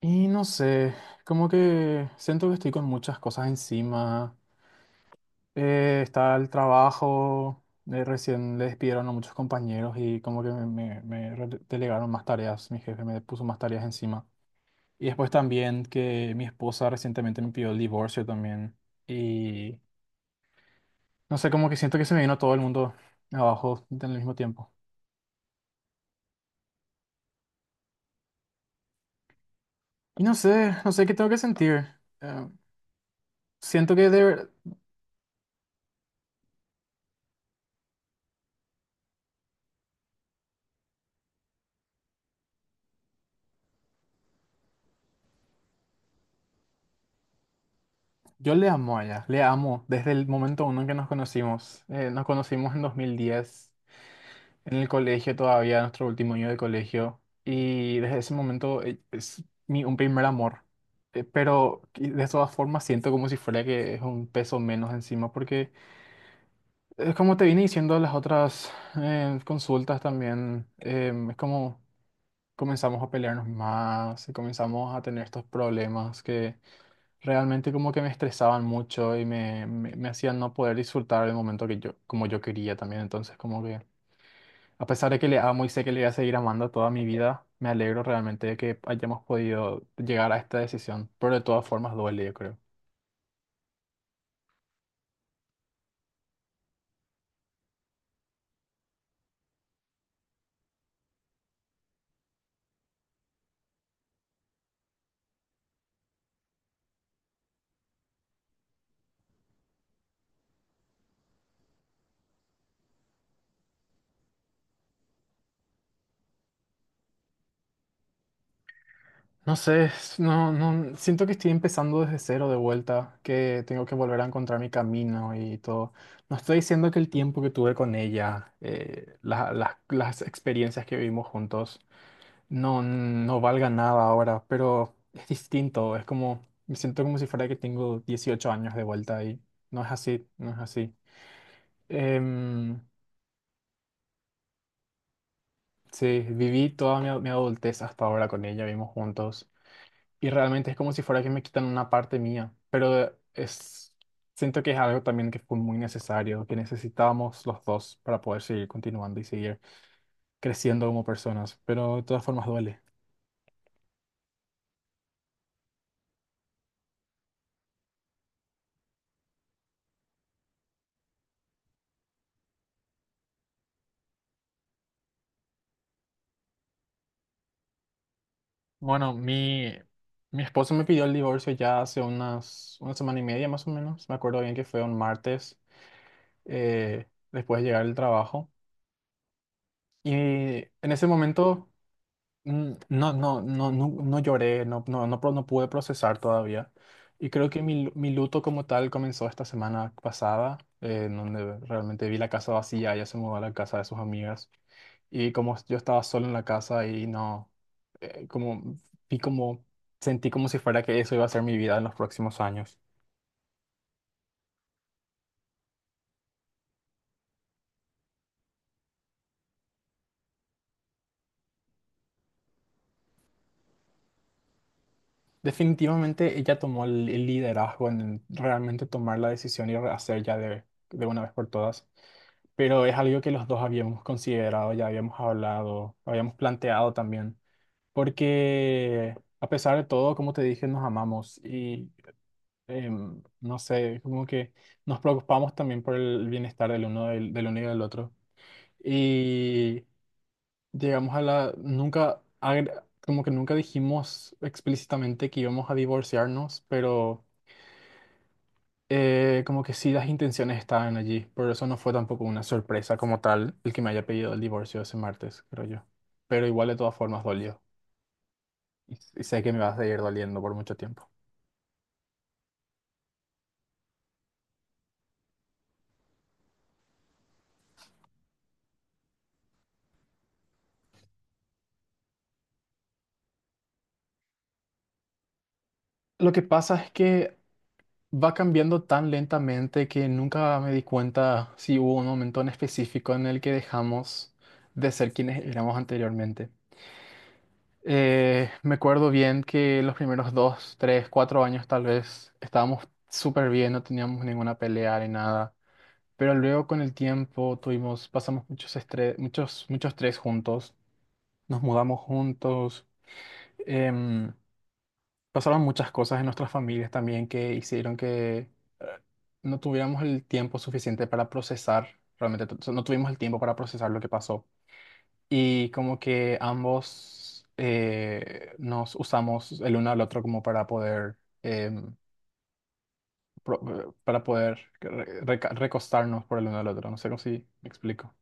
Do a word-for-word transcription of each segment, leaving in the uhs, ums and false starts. Y no sé, como que siento que estoy con muchas cosas encima. Eh, está el trabajo, eh, recién le despidieron a muchos compañeros y como que me, me- me re- delegaron más tareas, mi jefe me puso más tareas encima. Y después también que mi esposa recientemente me pidió el divorcio también. Y no sé, como que siento que se me vino todo el mundo abajo en el mismo tiempo. Y no sé, no sé qué tengo que sentir. Eh, siento que de, ver- Yo le amo a ella, le amo desde el momento uno en que nos conocimos. Eh, nos conocimos en dos mil diez en el colegio todavía, nuestro último año de colegio. Y desde ese momento eh, es mi, un primer amor. Eh, pero y de todas formas siento como si fuera que es un peso menos encima, porque es como te vine diciendo las otras eh, consultas también, eh, es como comenzamos a pelearnos más, y comenzamos a tener estos problemas que... Realmente como que me estresaban mucho y me, me, me hacían no poder disfrutar el momento que yo, como yo quería también. Entonces como que, a pesar de que le amo y sé que le voy a seguir amando toda mi vida, me alegro realmente de que hayamos podido llegar a esta decisión. Pero de todas formas duele, yo creo. No sé, es- no, no, siento que estoy empezando desde cero de vuelta, que tengo que volver a encontrar mi camino y todo. No estoy diciendo que el tiempo que tuve con ella, eh, la- las las experiencias que vivimos juntos, no, no valga nada ahora, pero es distinto, es como, me siento como si fuera que tengo dieciocho años de vuelta y no es así, no es así. Em, sí, viví toda mi, mi adultez hasta ahora con ella, vivimos juntos y realmente es como si fuera que me quitan una parte mía, pero es, siento que es algo también que fue muy necesario, que necesitábamos los dos para poder seguir continuando y seguir creciendo como personas, pero de todas formas duele. Bueno, mi, mi esposo me pidió el divorcio ya hace unas, una semana y media más o menos. Me acuerdo bien que fue un martes eh, después de llegar del trabajo. Y en ese momento mm, no, no, no, no, no lloré, no, no, no, pro- no pude procesar todavía. Y creo que mi, lu- mi luto como tal comenzó esta semana pasada, eh, en donde realmente vi la casa vacía, ella se mudó a la casa de sus amigas. Y como yo estaba solo en la casa y no, eh, como vi como, sentí como si fuera que eso iba a ser mi vida en los próximos años. Definitivamente ella tomó el, el liderazgo en realmente tomar la decisión y hacer ya de, de una vez por todas. Pero es algo que los dos habíamos considerado, ya habíamos hablado, habíamos planteado también. Porque a pesar de todo, como te dije, nos amamos y em, no sé, como que nos preocupamos también por el bienestar del uno, del del uno y del otro. Y llegamos a la, nunca, agre- como que nunca dijimos explícitamente que íbamos a divorciarnos, pero eh, como que sí las intenciones estaban allí. Por eso no fue tampoco una sorpresa como tal el que me haya pedido el divorcio ese martes, creo yo. Pero igual de todas formas dolió. Y, y sé que me va a seguir doliendo por mucho tiempo. Lo que pasa es que va cambiando tan lentamente que nunca me di cuenta si hubo un momento en específico en el que dejamos de ser quienes éramos anteriormente. Eh, me acuerdo bien que los primeros dos, tres, cuatro años tal vez estábamos súper bien, no teníamos ninguna pelea ni nada. Pero luego con el tiempo tuvimos, pasamos muchos estrés, muchos, muchos estrés juntos, nos mudamos juntos, em, pasaron muchas cosas en nuestras familias también que hicieron que eh, no tuviéramos el tiempo suficiente para procesar, realmente t- no tuvimos el tiempo para procesar lo que pasó y como que ambos eh, nos usamos el uno al otro como para poder em, pro- para poder re- reca- recostarnos por el uno al otro. No sé cómo si me explico.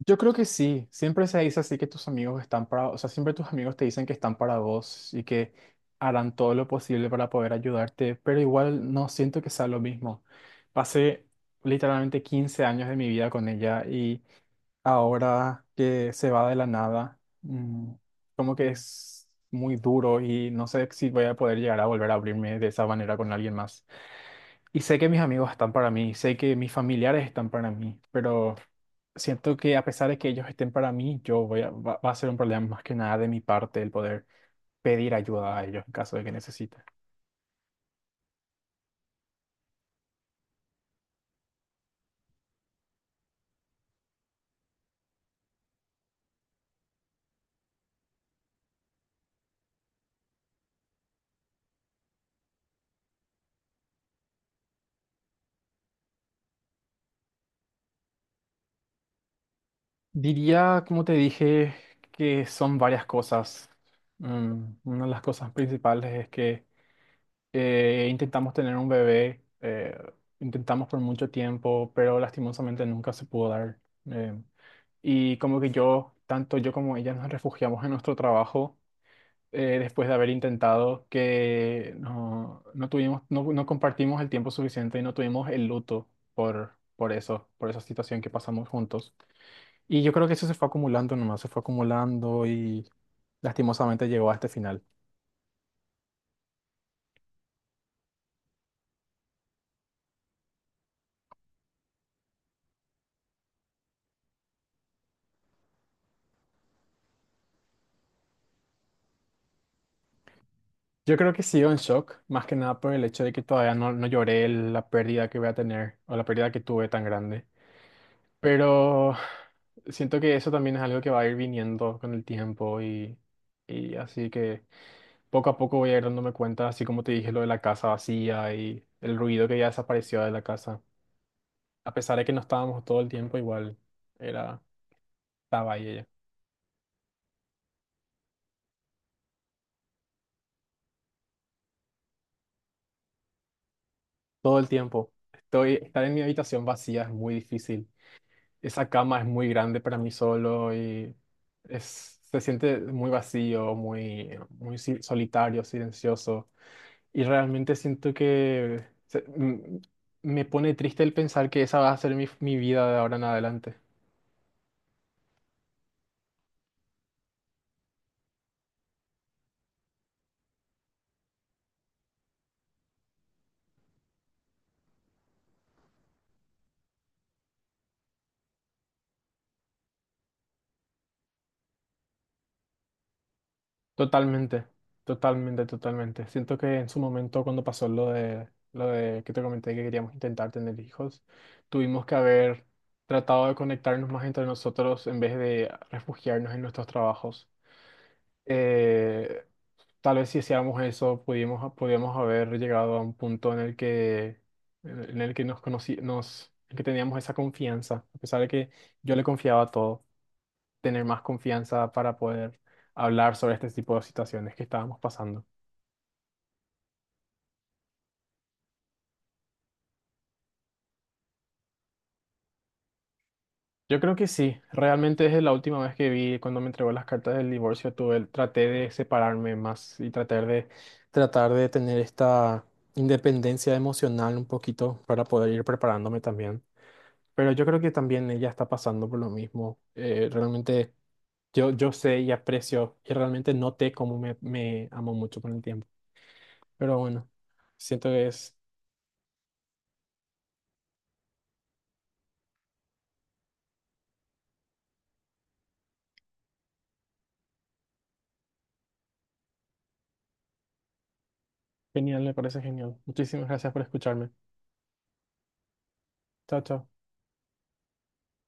Yo creo que sí, siempre se dice así que tus amigos están para, o sea, siempre tus amigos te dicen que están para vos y que harán todo lo posible para poder ayudarte, pero igual no siento que sea lo mismo. Pasé literalmente quince años de mi vida con ella y ahora que se va de la nada, mm, como que es muy duro y no sé si voy a poder llegar a volver a abrirme de esa manera con alguien más. Y sé que mis amigos están para mí, sé que mis familiares están para mí, pero siento que a pesar de que ellos estén para mí, yo voy a, va, va a ser un problema más que nada de mi parte el poder pedir ayuda a ellos en caso de que necesite. Diría, como te dije, que son varias cosas. Mm, una de las cosas principales es que Eh, intentamos tener un bebé, eh, intentamos por mucho tiempo, pero lastimosamente nunca se pudo dar. eh, y como que yo, tanto yo como ella, nos refugiamos en nuestro trabajo eh, después de haber intentado que no, no tuvimos, no, no compartimos el tiempo suficiente y no tuvimos el luto por, por eso, por esa situación que pasamos juntos. Y yo creo que eso se fue acumulando nomás, se fue acumulando y lastimosamente llegó a este final. Yo creo que sigo en shock, más que nada por el hecho de que todavía no, no lloré la pérdida que voy a tener o la pérdida que tuve tan grande. Pero siento que eso también es algo que va a ir viniendo con el tiempo y, y así que poco a poco voy a ir dándome cuenta, así como te dije lo de la casa vacía y el ruido que ya desapareció de la casa. A pesar de que no estábamos todo el tiempo, igual era, estaba ahí ella. Todo el tiempo. Estoy, estar en mi habitación vacía es muy difícil. Esa cama es muy grande para mí solo y es, se siente muy vacío, muy, muy si- solitario, silencioso. Y realmente siento que se- m- me pone triste el pensar que esa va a ser mi, mi vida de ahora en adelante. Totalmente, totalmente, totalmente. Siento que en su momento cuando pasó lo de, lo de que te comenté que queríamos intentar tener hijos, tuvimos que haber tratado de conectarnos más entre nosotros en vez de refugiarnos en nuestros trabajos. eh, Tal vez si hacíamos eso, pudimos, podíamos haber llegado a un punto en el que, en el que nos conocí, nos, en que teníamos esa confianza, a pesar de que yo le confiaba todo, tener más confianza para poder hablar sobre este tipo de situaciones que estábamos pasando. Yo creo que sí, realmente desde la última vez que vi, cuando me entregó las cartas del divorcio, tuve, traté de separarme más y tratar de, tratar de tener esta independencia emocional un poquito para poder ir preparándome también. Pero yo creo que también ella está pasando por lo mismo. Eh, realmente yo, yo sé y aprecio y realmente noté cómo me, me amó mucho con el tiempo. Pero bueno, siento que es genial, me parece genial. Muchísimas gracias por escucharme. Chao, chao.